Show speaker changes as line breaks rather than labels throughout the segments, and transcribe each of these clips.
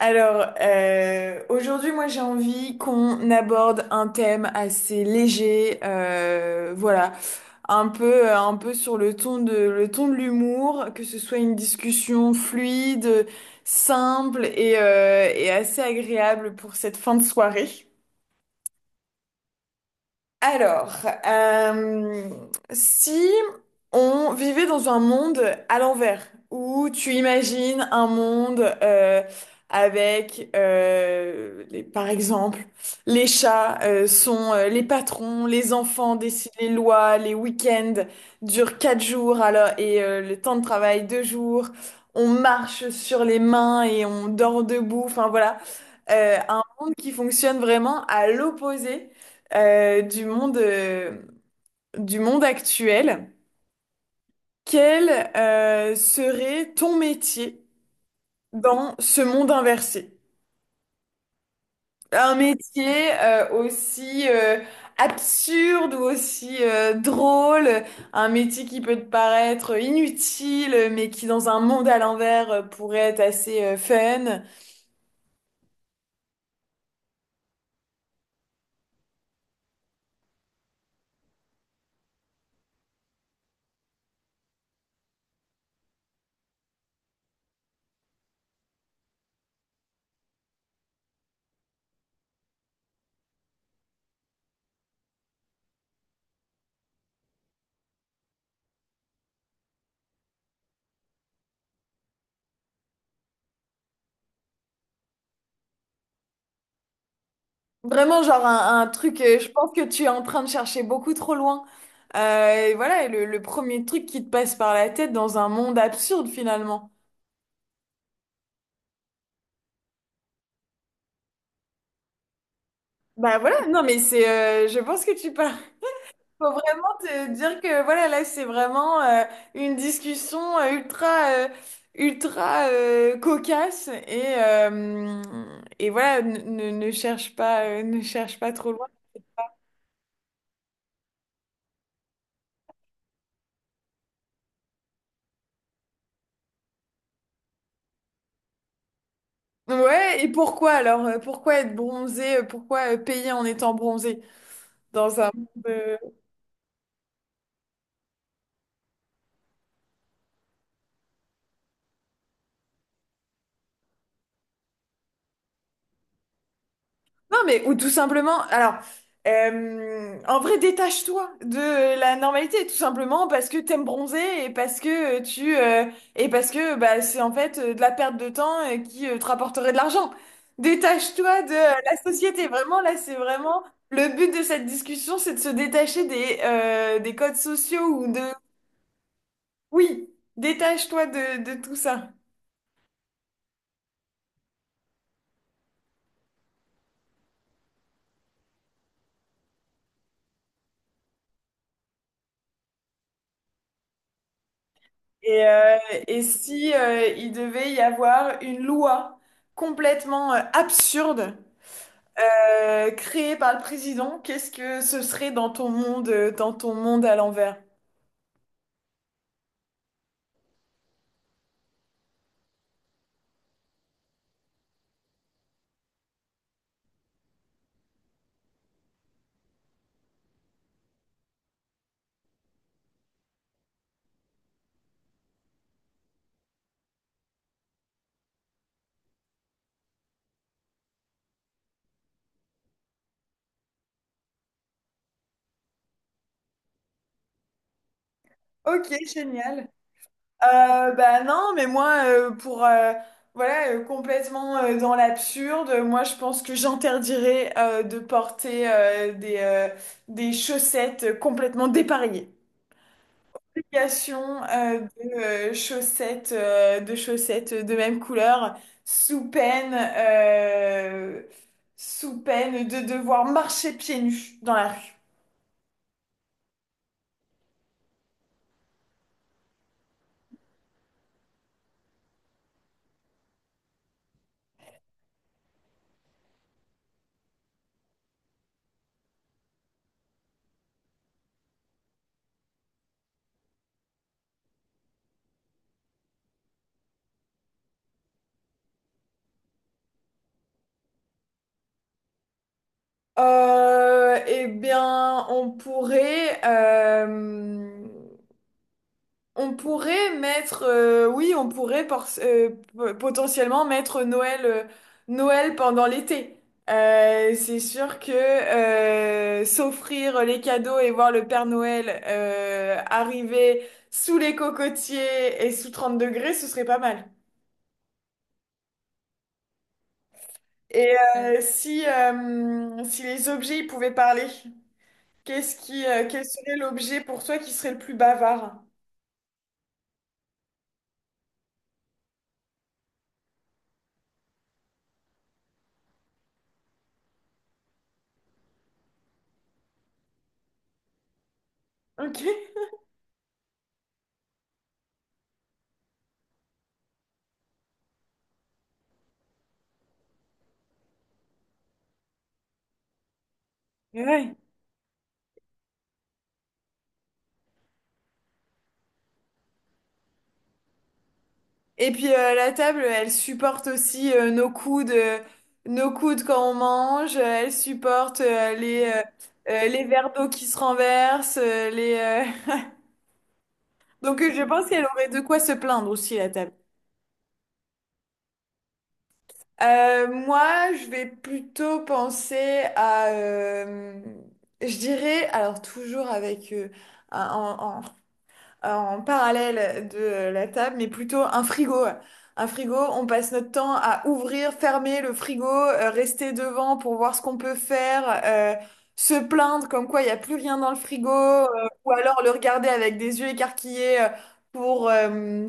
Aujourd'hui, moi, j'ai envie qu'on aborde un thème assez léger, voilà, un peu sur le ton de l'humour, que ce soit une discussion fluide, simple et et assez agréable pour cette fin de soirée. Alors, euh, Si on vivait dans un monde à l'envers, où tu imagines un monde avec, par exemple, les chats sont les patrons, les enfants décident les lois, les week-ends durent 4 jours alors, et le temps de travail 2 jours, on marche sur les mains et on dort debout, enfin voilà. Un monde qui fonctionne vraiment à l'opposé euh, du monde, euh, du monde actuel. Quel serait ton métier dans ce monde inversé? Un métier aussi absurde ou aussi drôle, un métier qui peut te paraître inutile, mais qui dans un monde à l'envers pourrait être assez fun. Vraiment, genre un truc, je pense que tu es en train de chercher beaucoup trop loin. Et voilà, et le premier truc qui te passe par la tête dans un monde absurde finalement. Bah voilà, non mais, je pense que tu parles. Faut vraiment te dire que voilà, là c'est vraiment une discussion ultra cocasse et et voilà, ne cherche pas, ne cherche pas trop loin. Ouais, et pourquoi alors? Pourquoi être bronzé? Pourquoi payer en étant bronzé? Dans un monde... Non, mais ou tout simplement... En vrai, détache-toi de la normalité, tout simplement parce que t'aimes bronzer et parce que et parce que bah, c'est en fait de la perte de temps qui te rapporterait de l'argent. Détache-toi de la société. Vraiment, là, c'est vraiment... Le but de cette discussion, c'est de se détacher des des codes sociaux ou de... Oui, détache-toi de tout ça. Et, euh, et si il devait y avoir une loi complètement absurde créée par le président, qu'est-ce que ce serait dans ton monde à l'envers? Ok, génial. Bah non, mais moi, pour voilà, complètement dans l'absurde, moi je pense que j'interdirais de porter des chaussettes complètement dépareillées. Application, de de chaussettes de même couleur, sous peine, euh, sous peine de devoir marcher pieds nus dans la rue. Eh bien, on pourrait. On pourrait mettre, oui, on potentiellement mettre Noël, Noël pendant l'été. C'est sûr que s'offrir les cadeaux et voir le Père Noël arriver sous les cocotiers et sous 30 degrés, ce serait pas mal. Et Mm. Si si les objets ils pouvaient parler, quel serait l'objet pour toi qui serait le plus bavard? Ok. Ouais. Et puis la table, elle supporte aussi nos coudes quand on mange. Elle supporte les verres d'eau qui se renversent. Les Donc je pense qu'elle aurait de quoi se plaindre aussi la table. Moi, je vais plutôt penser à. Je dirais, alors toujours un- en, en parallèle de la table, mais plutôt un frigo. Un frigo, on passe notre temps à ouvrir, fermer le frigo, rester devant pour voir ce qu'on peut faire, se plaindre comme quoi il n'y a plus rien dans le frigo, ou alors le regarder avec des yeux écarquillés pour, euh,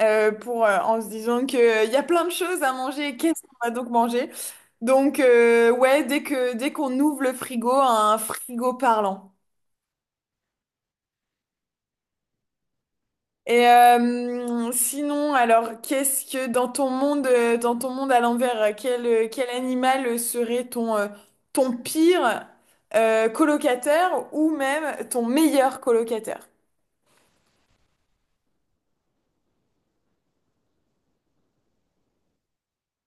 en se disant qu'il y a plein de choses à manger, qu'est-ce qu'on va donc manger? Donc, ouais, dès qu'on ouvre le frigo, un frigo parlant. Et sinon, alors, qu'est-ce que dans ton monde à l'envers, quel animal serait ton, ton pire colocataire ou même ton meilleur colocataire?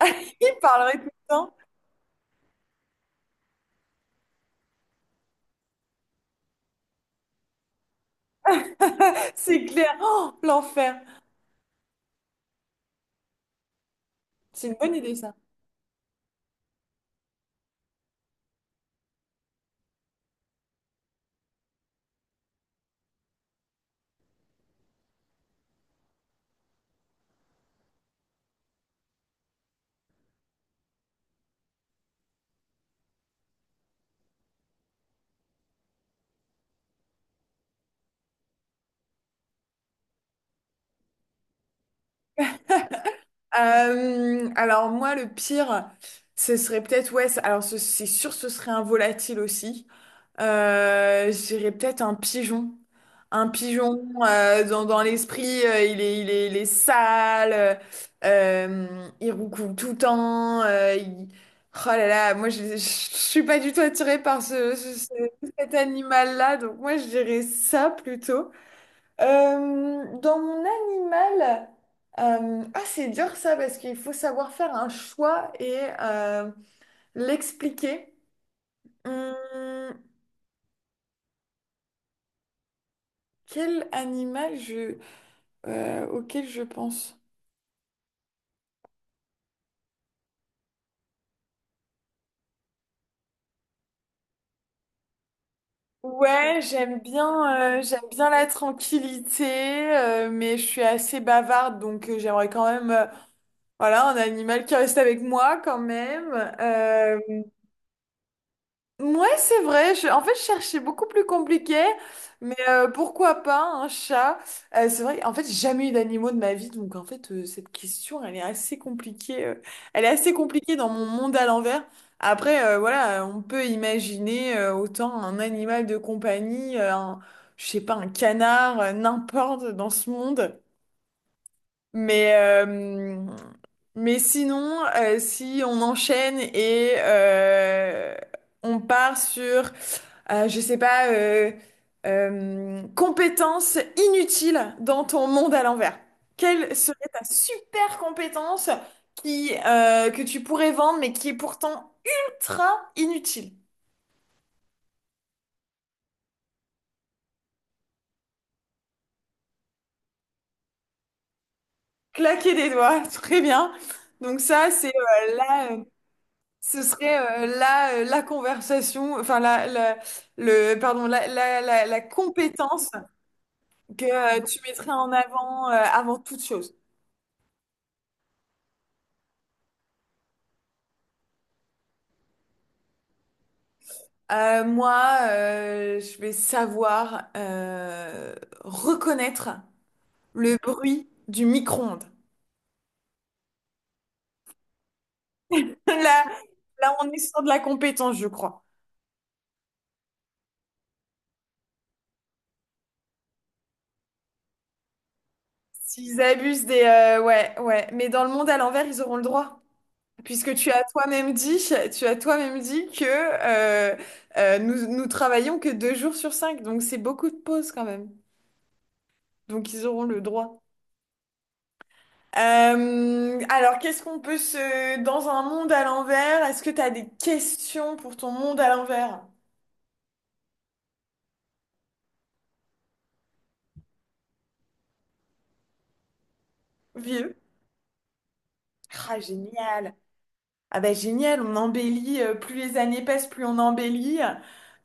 Il parlerait tout le temps, c'est clair. Oh, l'enfer. C'est une bonne idée, ça. Alors moi, le pire, ce serait peut-être, ouais, c'est sûr, ce serait un volatile aussi. Je dirais peut-être un pigeon. Un pigeon, dans l'esprit, euh, il est sale, il roucoule tout le temps. Oh là là, moi je suis pas du tout attirée par cet animal-là, donc moi je dirais ça plutôt. Dans mon animal, ah, c'est dur ça parce qu'il faut savoir faire un choix et l'expliquer. Hum. Quel animal auquel je pense? Ouais, j'aime bien la tranquillité, mais je suis assez bavarde, donc j'aimerais quand même, voilà, un animal qui reste avec moi quand même. Euh, Ouais, c'est vrai. En fait, je cherchais beaucoup plus compliqué, mais pourquoi pas un chat? C'est vrai, en fait, j'ai jamais eu d'animaux de ma vie, donc en fait, cette question, elle est assez compliquée. Elle est assez compliquée dans mon monde à l'envers. Après, voilà, on peut imaginer autant un animal de compagnie, je sais pas, un canard, n'importe dans ce monde. Mais, euh, mais sinon, si on enchaîne et on part sur je sais pas, compétence inutile dans ton monde à l'envers. Quelle serait ta super compétence que tu pourrais vendre, mais qui est pourtant ultra inutile? Claquer des doigts, très bien. Donc ça, c'est euh, là, euh, ce serait là la conversation, enfin la- le, pardon, la compétence que tu mettrais en avant avant toute chose. Moi, je vais savoir reconnaître le bruit du micro-ondes. Là, là, on est sur de la compétence, je crois. S'ils abusent des... ouais, ouais. Mais dans le monde à l'envers, ils auront le droit. Puisque tu as toi-même dit, tu as toi-même dit que nous travaillons que 2 jours sur 5. Donc, c'est beaucoup de pauses quand même. Donc, ils auront le droit. Alors, qu'est-ce qu'on peut se... Dans un monde à l'envers, est-ce que tu as des questions pour ton monde à l'envers, vieux? Ah, génial. Ah bah génial, on embellit, plus les années passent, plus on embellit.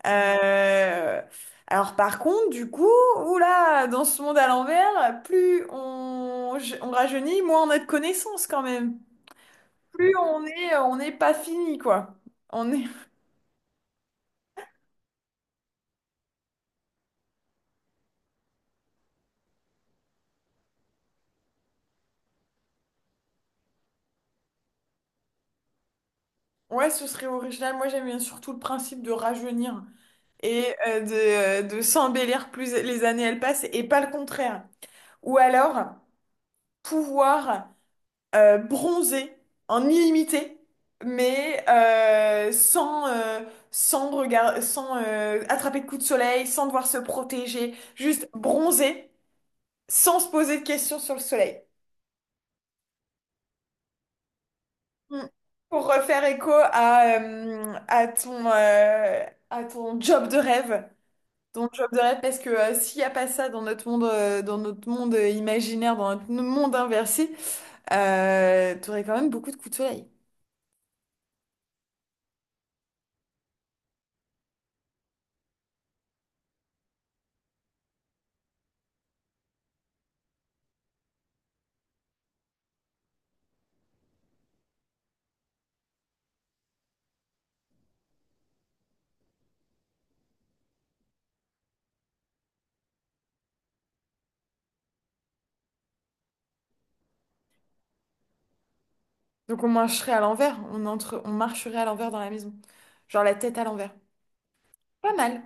Euh, Alors par contre, du coup, oula, dans ce monde à l'envers, on rajeunit, moins on a de connaissances quand même. Plus on n'est pas fini, quoi. On est... Ouais, ce serait original. Moi, j'aime bien surtout le principe de rajeunir. Et de s'embellir plus les années elles passent et pas le contraire. Ou alors pouvoir bronzer en illimité, mais sans, sans regard, sans attraper de coups de soleil, sans devoir se protéger, juste bronzer sans se poser de questions sur le soleil. Mm. Pour refaire écho à ton job de rêve. Ton job de rêve, parce que s'il n'y a pas ça dans notre monde imaginaire, dans notre monde inversé, tu aurais quand même beaucoup de coups de soleil. Donc on marcherait à l'envers, on entre, on marcherait à l'envers dans la maison. Genre la tête à l'envers. Pas mal.